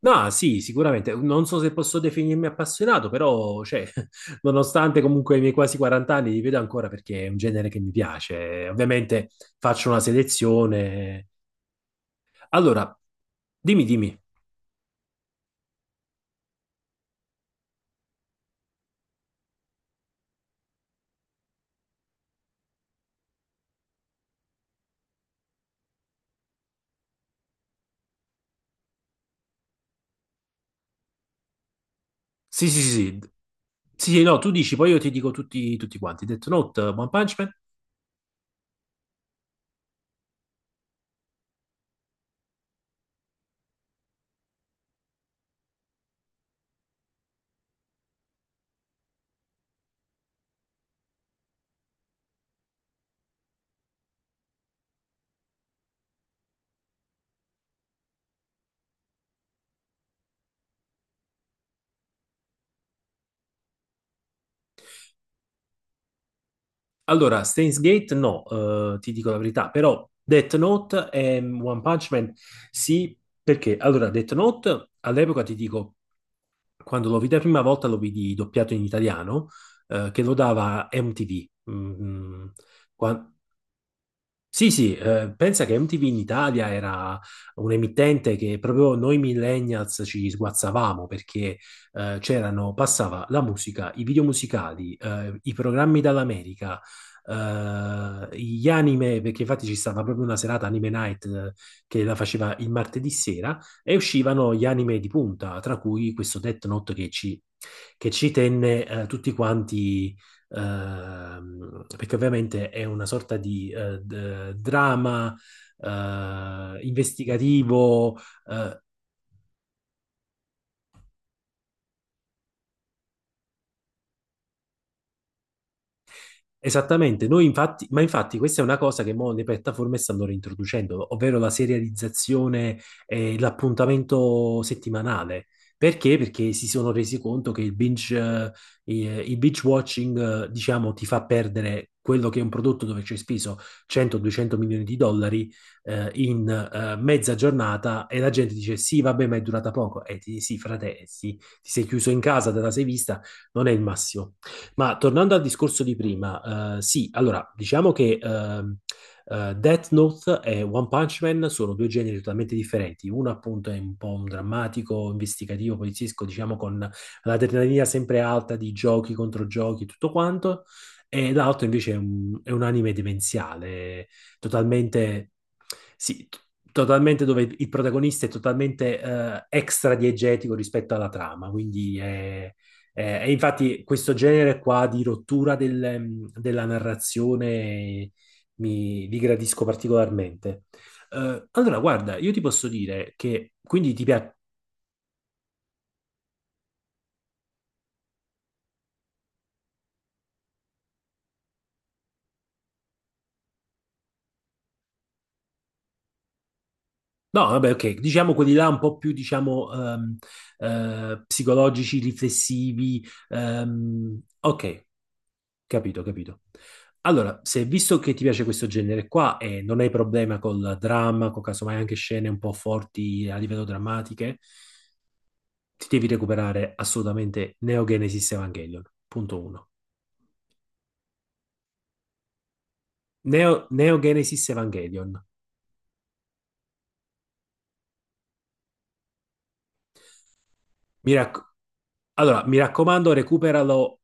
No, sì, sicuramente. Non so se posso definirmi appassionato, però, cioè, nonostante comunque i miei quasi 40 anni, li vedo ancora perché è un genere che mi piace. Ovviamente faccio una selezione. Allora, dimmi, dimmi. Sì, sì, sì. Sì, sì, sì, no, tu dici, poi io ti dico tutti, tutti quanti. Death Note, One Punch Man. Allora, Steins Gate, no, ti dico la verità, però Death Note e One Punch Man, sì, perché? Allora, Death Note, all'epoca ti dico quando lo vidi la prima volta lo vidi doppiato in italiano, che lo dava MTV. Mm. qua- sì, sì, pensa che MTV in Italia era un emittente che proprio noi millennials ci sguazzavamo perché c'erano, passava la musica, i video musicali, i programmi dall'America, gli anime, perché infatti ci stava proprio una serata Anime Night che la faceva il martedì sera e uscivano gli anime di punta, tra cui questo Death Note che ci tenne tutti quanti, perché ovviamente è una sorta di drama, investigativo, eh, esattamente. Noi infatti, ma infatti questa è una cosa che mo le piattaforme stanno reintroducendo, ovvero la serializzazione e l'appuntamento settimanale. Perché? Perché si sono resi conto che il binge, eh, il binge watching, diciamo, ti fa perdere quello che è un prodotto dove ci hai speso 100-200 milioni di dollari, in mezza giornata e la gente dice sì, vabbè, ma è durata poco. E ti sì, frate, sì, ti sei chiuso in casa, te la sei vista, non è il massimo. Ma tornando al discorso di prima, sì, allora diciamo che Death Note e One Punch Man sono due generi totalmente differenti. Uno appunto è un po' un drammatico, investigativo, poliziesco, diciamo con l'adrenalina sempre alta di giochi contro giochi, tutto quanto, e l'altro invece è un anime demenziale, totalmente, sì, t- totalmente, dove il protagonista è totalmente extra diegetico rispetto alla trama, quindi è e infatti questo genere qua di rottura della narrazione mi li gradisco particolarmente. Allora, guarda, io ti posso dire che quindi ti piace... No, vabbè, ok, diciamo quelli là un po' più, diciamo, psicologici, riflessivi. Ok, capito, capito. Allora, se visto che ti piace questo genere qua e non hai problema col dramma, con casomai anche scene un po' forti a livello drammatiche, ti devi recuperare assolutamente Neo Genesis Evangelion, punto uno. Neo Genesis Evangelion. Mi rac- Mi raccomando, recuperalo,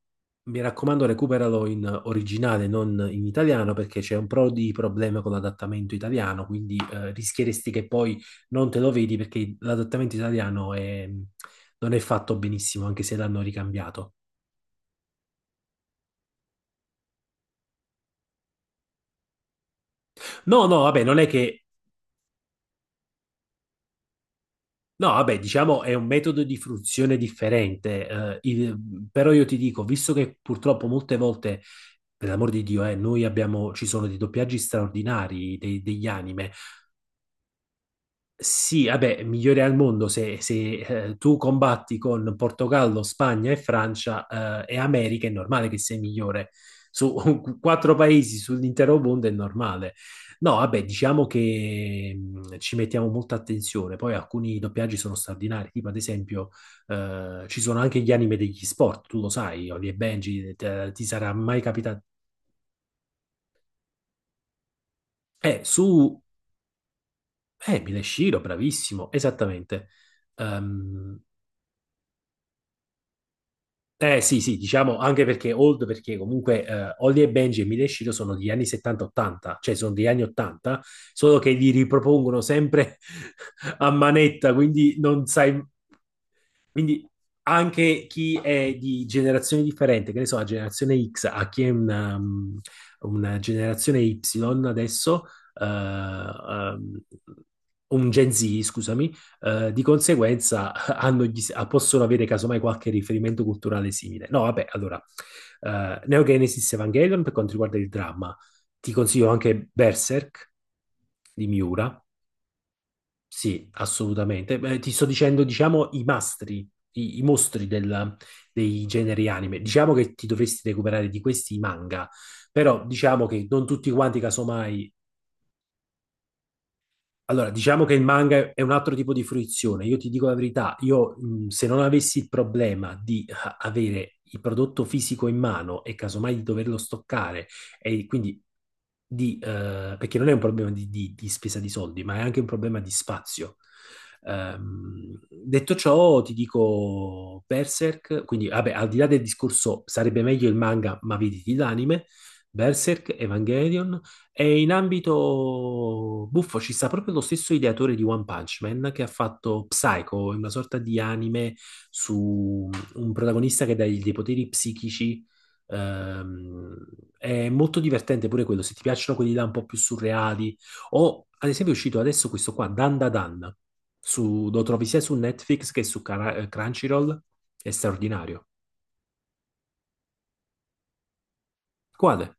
mi raccomando, recuperalo in originale, non in italiano, perché c'è un pro di problema con l'adattamento italiano, quindi rischieresti che poi non te lo vedi perché l'adattamento italiano non è fatto benissimo, anche se l'hanno ricambiato. No, no, vabbè, non è che. No, vabbè, diciamo è un metodo di fruizione differente, però io ti dico, visto che purtroppo molte volte, per l'amor di Dio, noi abbiamo, ci sono dei doppiaggi straordinari degli anime, sì, vabbè, migliore al mondo se tu combatti con Portogallo, Spagna e Francia e America, è normale che sei migliore. Su quattro paesi sull'intero mondo è normale. No, vabbè, diciamo che ci mettiamo molta attenzione. Poi alcuni doppiaggi sono straordinari, tipo ad esempio ci sono anche gli anime degli sport, tu lo sai, Oli e Benji, ti sarà mai capitato. Su... Shiro, bravissimo, esattamente. Ehm, Eh sì, sì, diciamo anche perché old, perché comunque Holly e Benji e Mila e Shiro sono degli anni 70-80, cioè sono degli anni 80, solo che li ripropongono sempre a manetta, quindi non sai, quindi anche chi è di generazione differente, che ne so, la generazione X, a chi è una una generazione Y adesso, eh, um, un Gen Z, scusami, di conseguenza possono avere casomai qualche riferimento culturale simile. No, vabbè, allora, Neo Genesis Evangelion per quanto riguarda il dramma, ti consiglio anche Berserk di Miura, sì, assolutamente. Beh, ti sto dicendo, diciamo, i mastri, i mostri dei generi anime. Diciamo che ti dovresti recuperare di questi i manga, però diciamo che non tutti quanti, casomai, allora, diciamo che il manga è un altro tipo di fruizione. Io ti dico la verità, io se non avessi il problema di avere il prodotto fisico in mano e casomai di doverlo stoccare, e quindi perché non è un problema di spesa di soldi, ma è anche un problema di spazio. Detto ciò, ti dico Berserk, quindi vabbè, al di là del discorso sarebbe meglio il manga, ma vedi l'anime, Berserk, Evangelion, e in ambito buffo ci sta proprio lo stesso ideatore di One Punch Man che ha fatto Psycho, una sorta di anime su un protagonista che dà dei poteri psichici. Ehm, è molto divertente pure quello, se ti piacciono quelli là un po' più surreali. O ad esempio è uscito adesso questo qua, Dan Da Dan, lo trovi sia su Netflix che su Crunchyroll, è straordinario. Quale?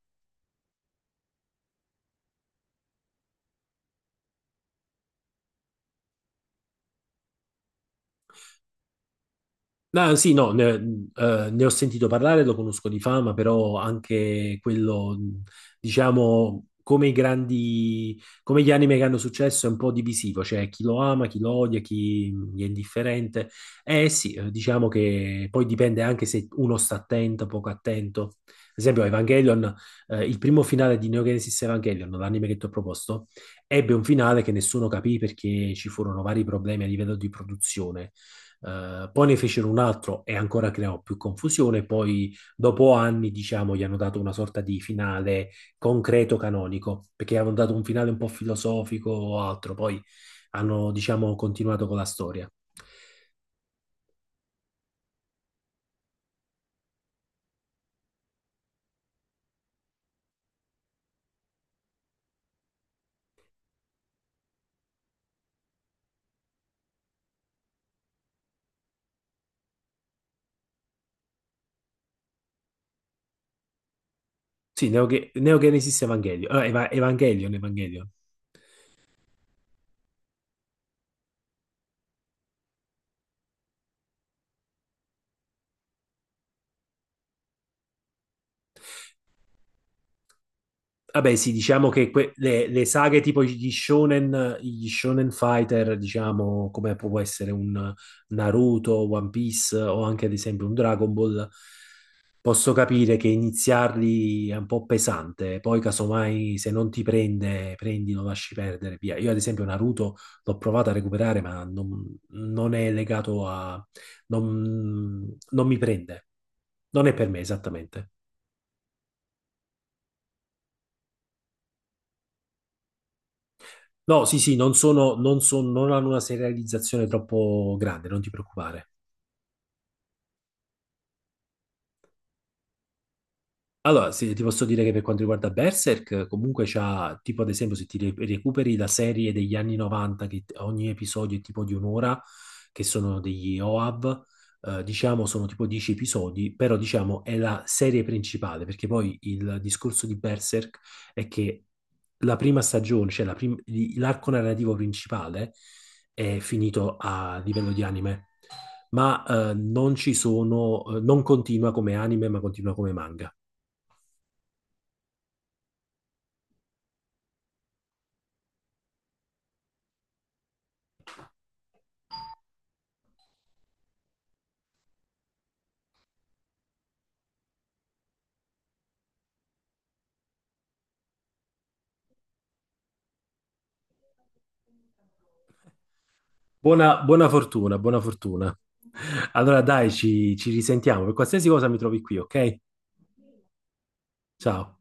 Ah, sì, no, ne ho sentito parlare, lo conosco di fama, però anche quello, diciamo, come i grandi, come gli anime che hanno successo, è un po' divisivo, cioè chi lo ama, chi lo odia, chi gli è indifferente. Eh sì, diciamo che poi dipende anche se uno sta attento, poco attento. Ad esempio, Evangelion, il primo finale di Neo Genesis Evangelion, l'anime che ti ho proposto, ebbe un finale che nessuno capì perché ci furono vari problemi a livello di produzione. Poi ne fecero un altro e ancora creò più confusione. Poi, dopo anni, diciamo, gli hanno dato una sorta di finale concreto canonico, perché avevano dato un finale un po' filosofico o altro. Poi hanno, diciamo, continuato con la storia. Sì, Neo Genesis Evangelion. Evangelion. Vabbè, sì, diciamo che le saghe tipo gli shonen fighter, diciamo, come può essere un Naruto, One Piece o anche ad esempio un Dragon Ball, posso capire che iniziarli è un po' pesante, poi casomai se non ti prende, prendi, lo lasci perdere, via. Io ad esempio Naruto l'ho provato a recuperare, non è legato non, non mi prende. Non è per me esattamente. No, sì, sì, non hanno una serializzazione troppo grande, non ti preoccupare. Allora, se ti posso dire che per quanto riguarda Berserk, comunque c'ha, tipo ad esempio, se recuperi la serie degli anni 90, ogni episodio è tipo di un'ora, che sono degli OAV, diciamo sono tipo 10 episodi, però diciamo è la serie principale, perché poi il discorso di Berserk è che la prima stagione, cioè l'arco narrativo principale, è finito a livello di anime, ma non ci sono, non continua come anime, ma continua come manga. Buona, buona fortuna, buona fortuna. Allora dai, ci risentiamo. Per qualsiasi cosa mi trovi qui, ok? Ciao.